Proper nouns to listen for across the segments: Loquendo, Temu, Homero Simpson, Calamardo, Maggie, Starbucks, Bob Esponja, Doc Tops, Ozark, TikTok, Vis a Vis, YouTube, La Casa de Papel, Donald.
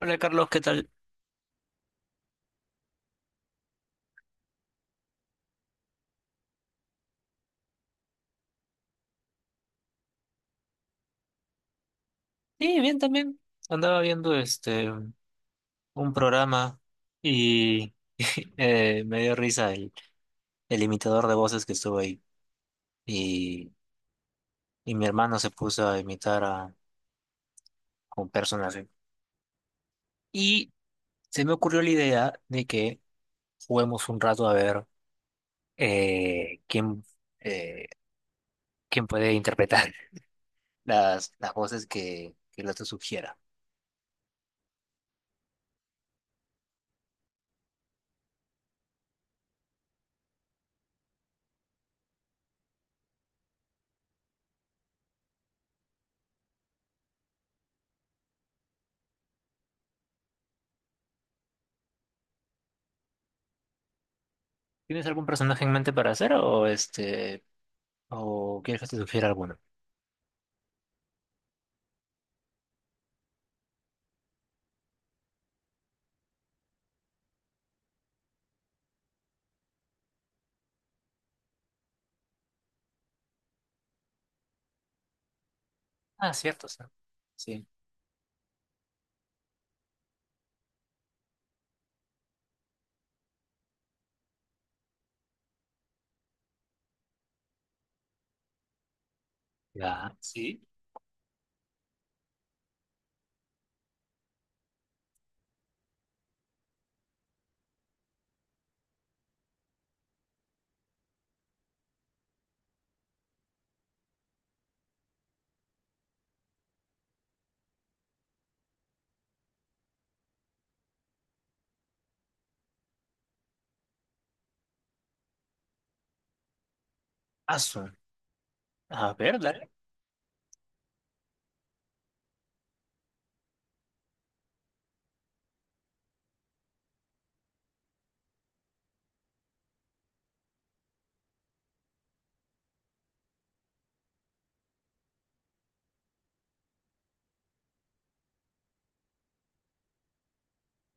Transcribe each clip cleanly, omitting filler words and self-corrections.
Hola Carlos, ¿qué tal? Sí, bien también. Andaba viendo un programa y me dio risa el imitador de voces que estuvo ahí. Y, y mi hermano se puso a imitar a un personaje. Y se me ocurrió la idea de que juguemos un rato a ver eh, quién, eh, quién puede interpretar las voces que el otro sugiera. ¿Tienes algún personaje en mente para hacer o o quieres que te sugiera alguno? Ah, cierto, cierto. Sí. Ya, sí. Azul. A ver, dale.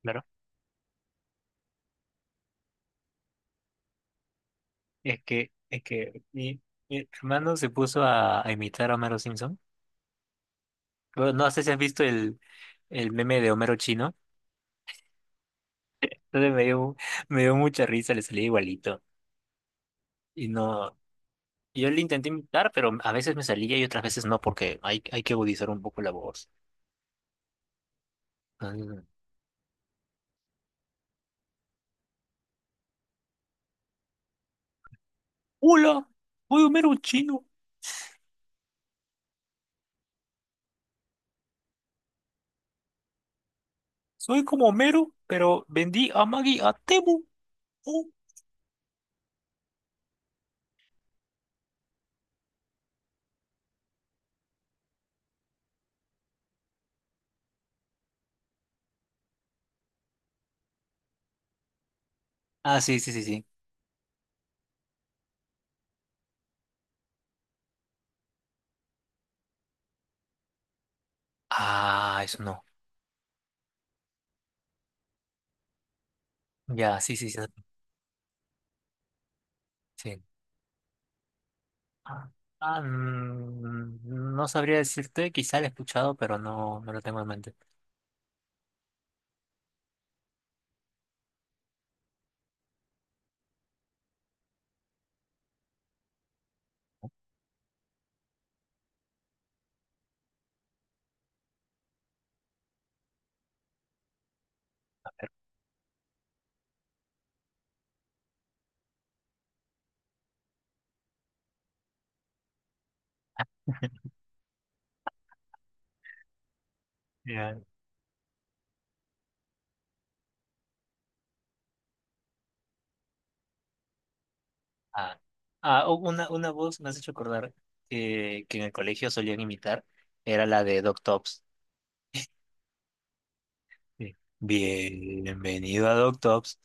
Claro. Es que mi hermano se puso a imitar a Homero Simpson. Bueno, no sé si has visto el meme de Homero chino. Entonces me dio mucha risa, le salía igualito. Y no, yo le intenté imitar, pero a veces me salía y otras veces no, porque hay que agudizar un poco la voz. Entonces, hola, soy Homero chino. Soy como Homero, pero vendí a Maggie a Temu. Oh. Ah, sí, sí, sí, sí. Ah, eso no. Ya, sí, sí, sí. Sí. Ah, no sabría decirte, quizá lo he escuchado, pero no, no lo tengo en mente. Ya. Ah, una voz me has hecho acordar que en el colegio solían imitar, era la de Doc Tops. Sí. Bienvenido a Doc Tops.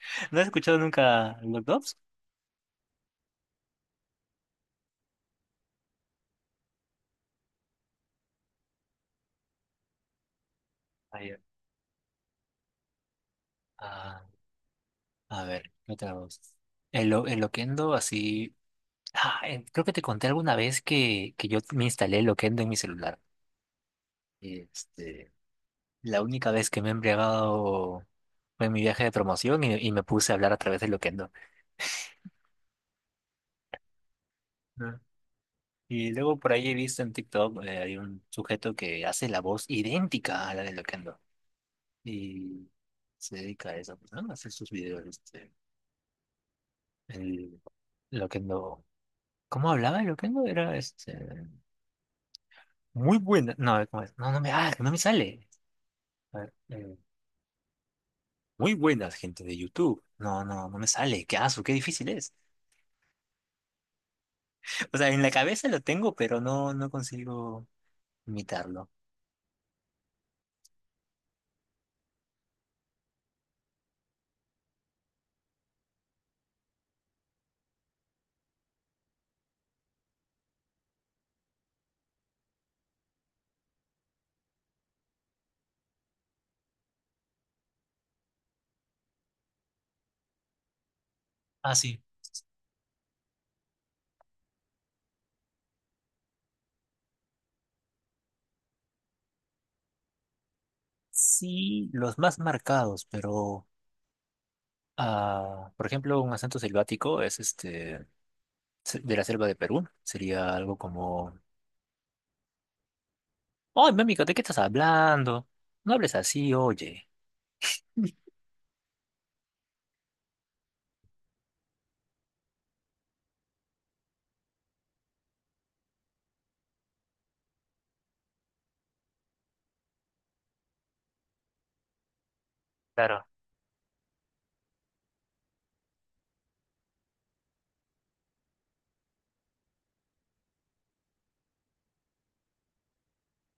¿No has escuchado nunca Doc Tops? Ah, ya. Ah, a ver, ¿qué otra voz? El Loquendo, así. Creo que te conté alguna vez que yo me instalé el Loquendo en mi celular. Este, la única vez que me he embriagado fue en mi viaje de promoción y me puse a hablar a través de lo que no. Ah. Y luego por ahí he visto en TikTok, hay un sujeto que hace la voz idéntica a la de Loquendo. Y se dedica a eso, pues, ¿no? A hacer sus videos. Este, el Loquendo. ¿Cómo hablaba el Loquendo? Era este, muy buena. No, ¿cómo es? No, no me sale. A ver, muy buenas, gente de YouTube. No, no, no me sale. Qué aso, qué difícil es. O sea, en la cabeza lo tengo, pero no, no consigo imitarlo. Ah, sí. Sí, los más marcados, pero por ejemplo, un acento selvático es de la selva de Perú. Sería algo como, ¡ay, mami! ¿De qué estás hablando? No hables así, oye. Claro.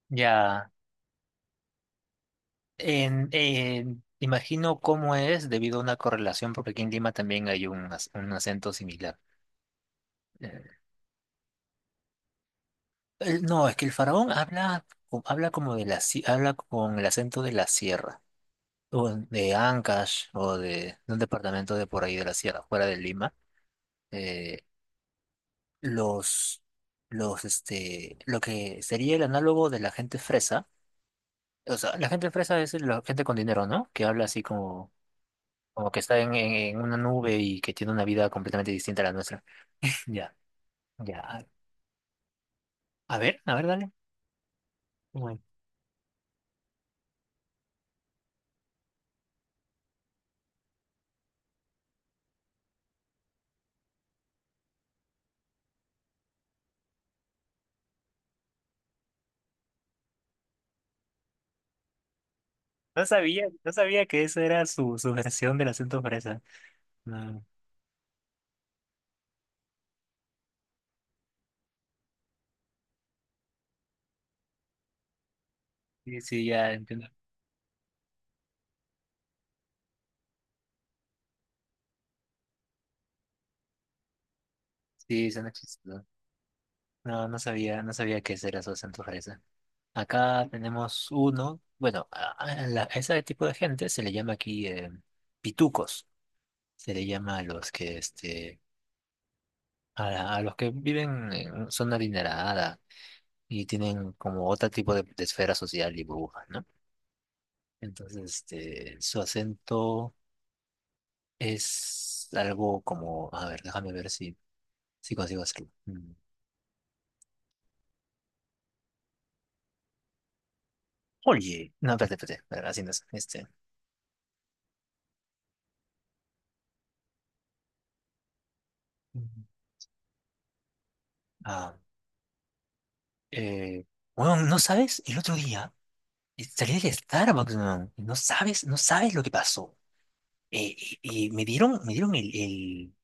Ya. Imagino cómo es debido a una correlación, porque aquí en Lima también hay un, un acento similar. eh, no, es que el faraón habla, habla como de la, habla con el acento de la sierra, o de Ancash, o de un departamento de por ahí de la sierra, fuera de Lima. Eh, los, lo que sería el análogo de la gente fresa, o sea, la gente fresa es la gente con dinero, ¿no? Que habla así como, como que está en una nube y que tiene una vida completamente distinta a la nuestra. Ya, ya. A ver, dale. Bueno, no sabía, no sabía que esa era su versión del acento fresa. Ah, sí, sí, ya entiendo. Sí, suena chistoso. No, no sabía, no sabía qué era su acento fresa. Acá tenemos uno, bueno, a ese tipo de gente se le llama aquí pitucos. Se le llama a los que, este, a los que viven en zona adinerada y tienen como otro tipo de esfera social y burbuja, ¿no? Entonces, este, su acento es algo como, a ver, déjame ver si, si consigo hacerlo. Mm. Oye, no, espérate, espérate, espérate, así no es, este, ujú. ah, eh, weón, ¿no sabes? El otro día salí del Starbucks, weón, y no sabes, no sabes lo que pasó. Eh, y me dieron el...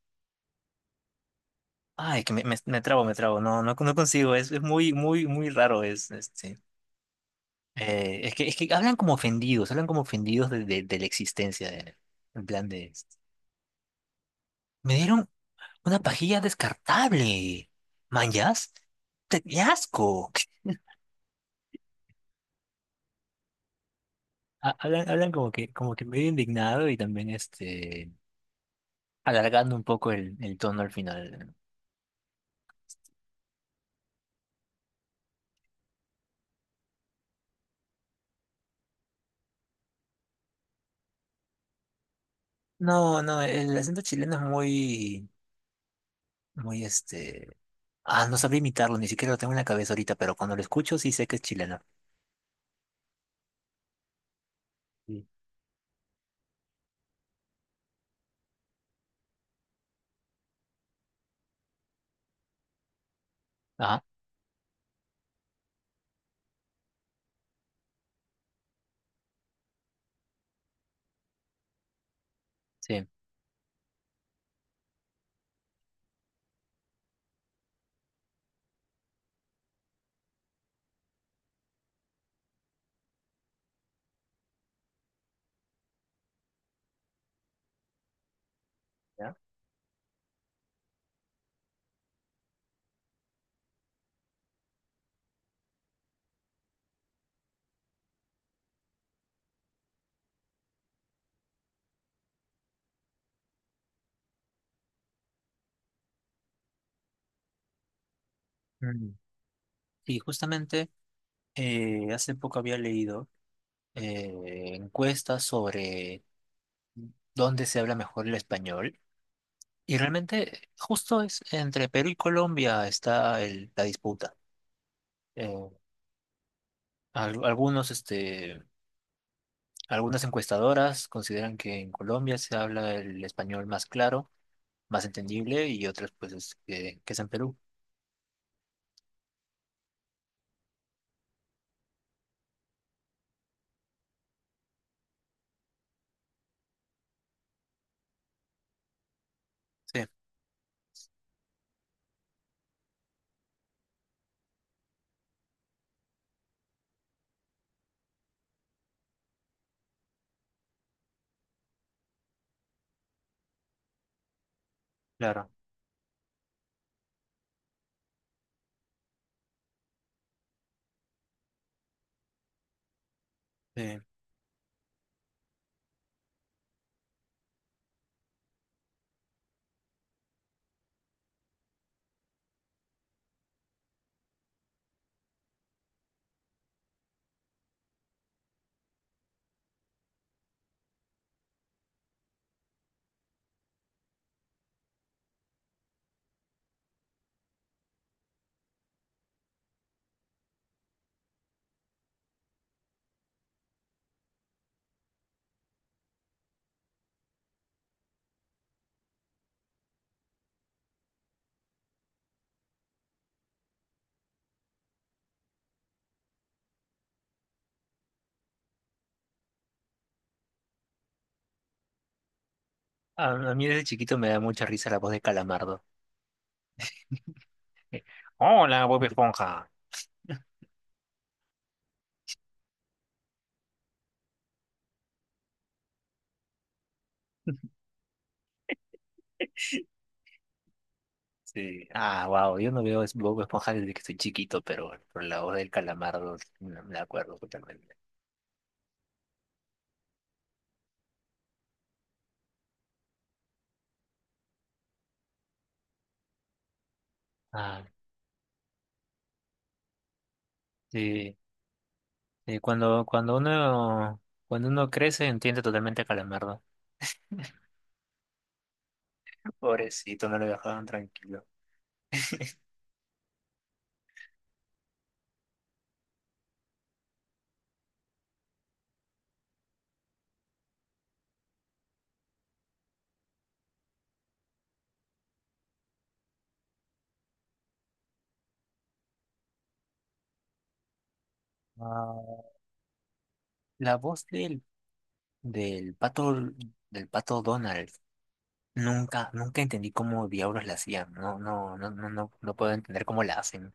Ay, que me trabo, no, no, no consigo, es muy, muy, muy raro, es, este, es que hablan como ofendidos de, de la existencia, de- en plan de, me dieron una pajilla descartable, man, ¿yas? ¡Te- ¡qué asco! Hablan, hablan como que medio indignado y también este alargando un poco el tono al final. No, no, el acento chileno es muy, muy este. Ah, no sabría imitarlo, ni siquiera lo tengo en la cabeza ahorita, pero cuando lo escucho sí sé que es chileno. Sí. Ajá, sí. ¿Ya? Mm. Y justamente hace poco había leído encuestas sobre dónde se habla mejor el español y realmente justo es entre Perú y Colombia está la disputa. eh, Algunos, este, algunas encuestadoras consideran que en Colombia se habla el español más claro, más entendible, y otras, pues, es que es en Perú. Sí, claro. Sí. A mí desde chiquito me da mucha risa la voz de Calamardo. Eh, Hola, Bob Esponja. Sí. Ah, wow. Yo no veo Bob Esponja desde que soy chiquito, pero la voz del Calamardo me la acuerdo totalmente. Ah, sí. Sí, cuando uno crece, entiende totalmente a Calamardo. Pobrecito, no lo dejaban tranquilo. Ah, la voz del pato, del pato Donald, nunca, nunca entendí cómo diablos la hacían. No, no, no, no, no, no puedo entender cómo la hacen.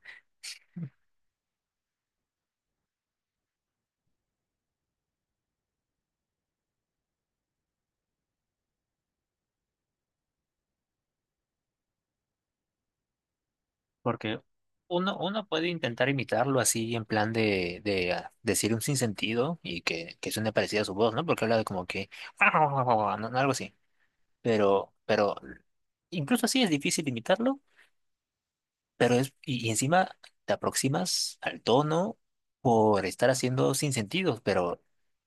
Porque uno, uno puede intentar imitarlo así en plan de, de decir un sinsentido y que suene parecida a su voz, ¿no? Porque habla de como que no, no, no, no, algo así. Pero incluso así es difícil imitarlo. Pero es, y encima te aproximas al tono por estar haciendo sin sentidos, pero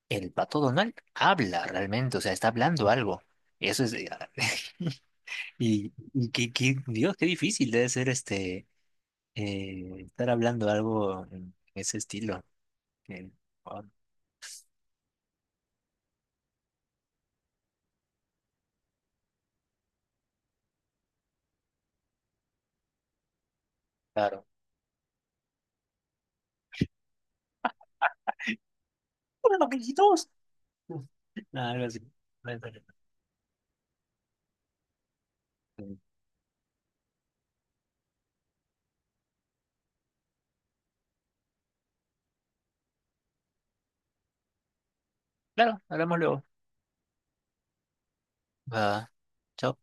el pato Donald habla realmente, o sea, está hablando algo. Eso es. Dios, qué difícil debe ser estar hablando algo en ese estilo. Que, ah, claro. Hola, loquillitos. Algo así. Claro, hablamos luego. Va, chao.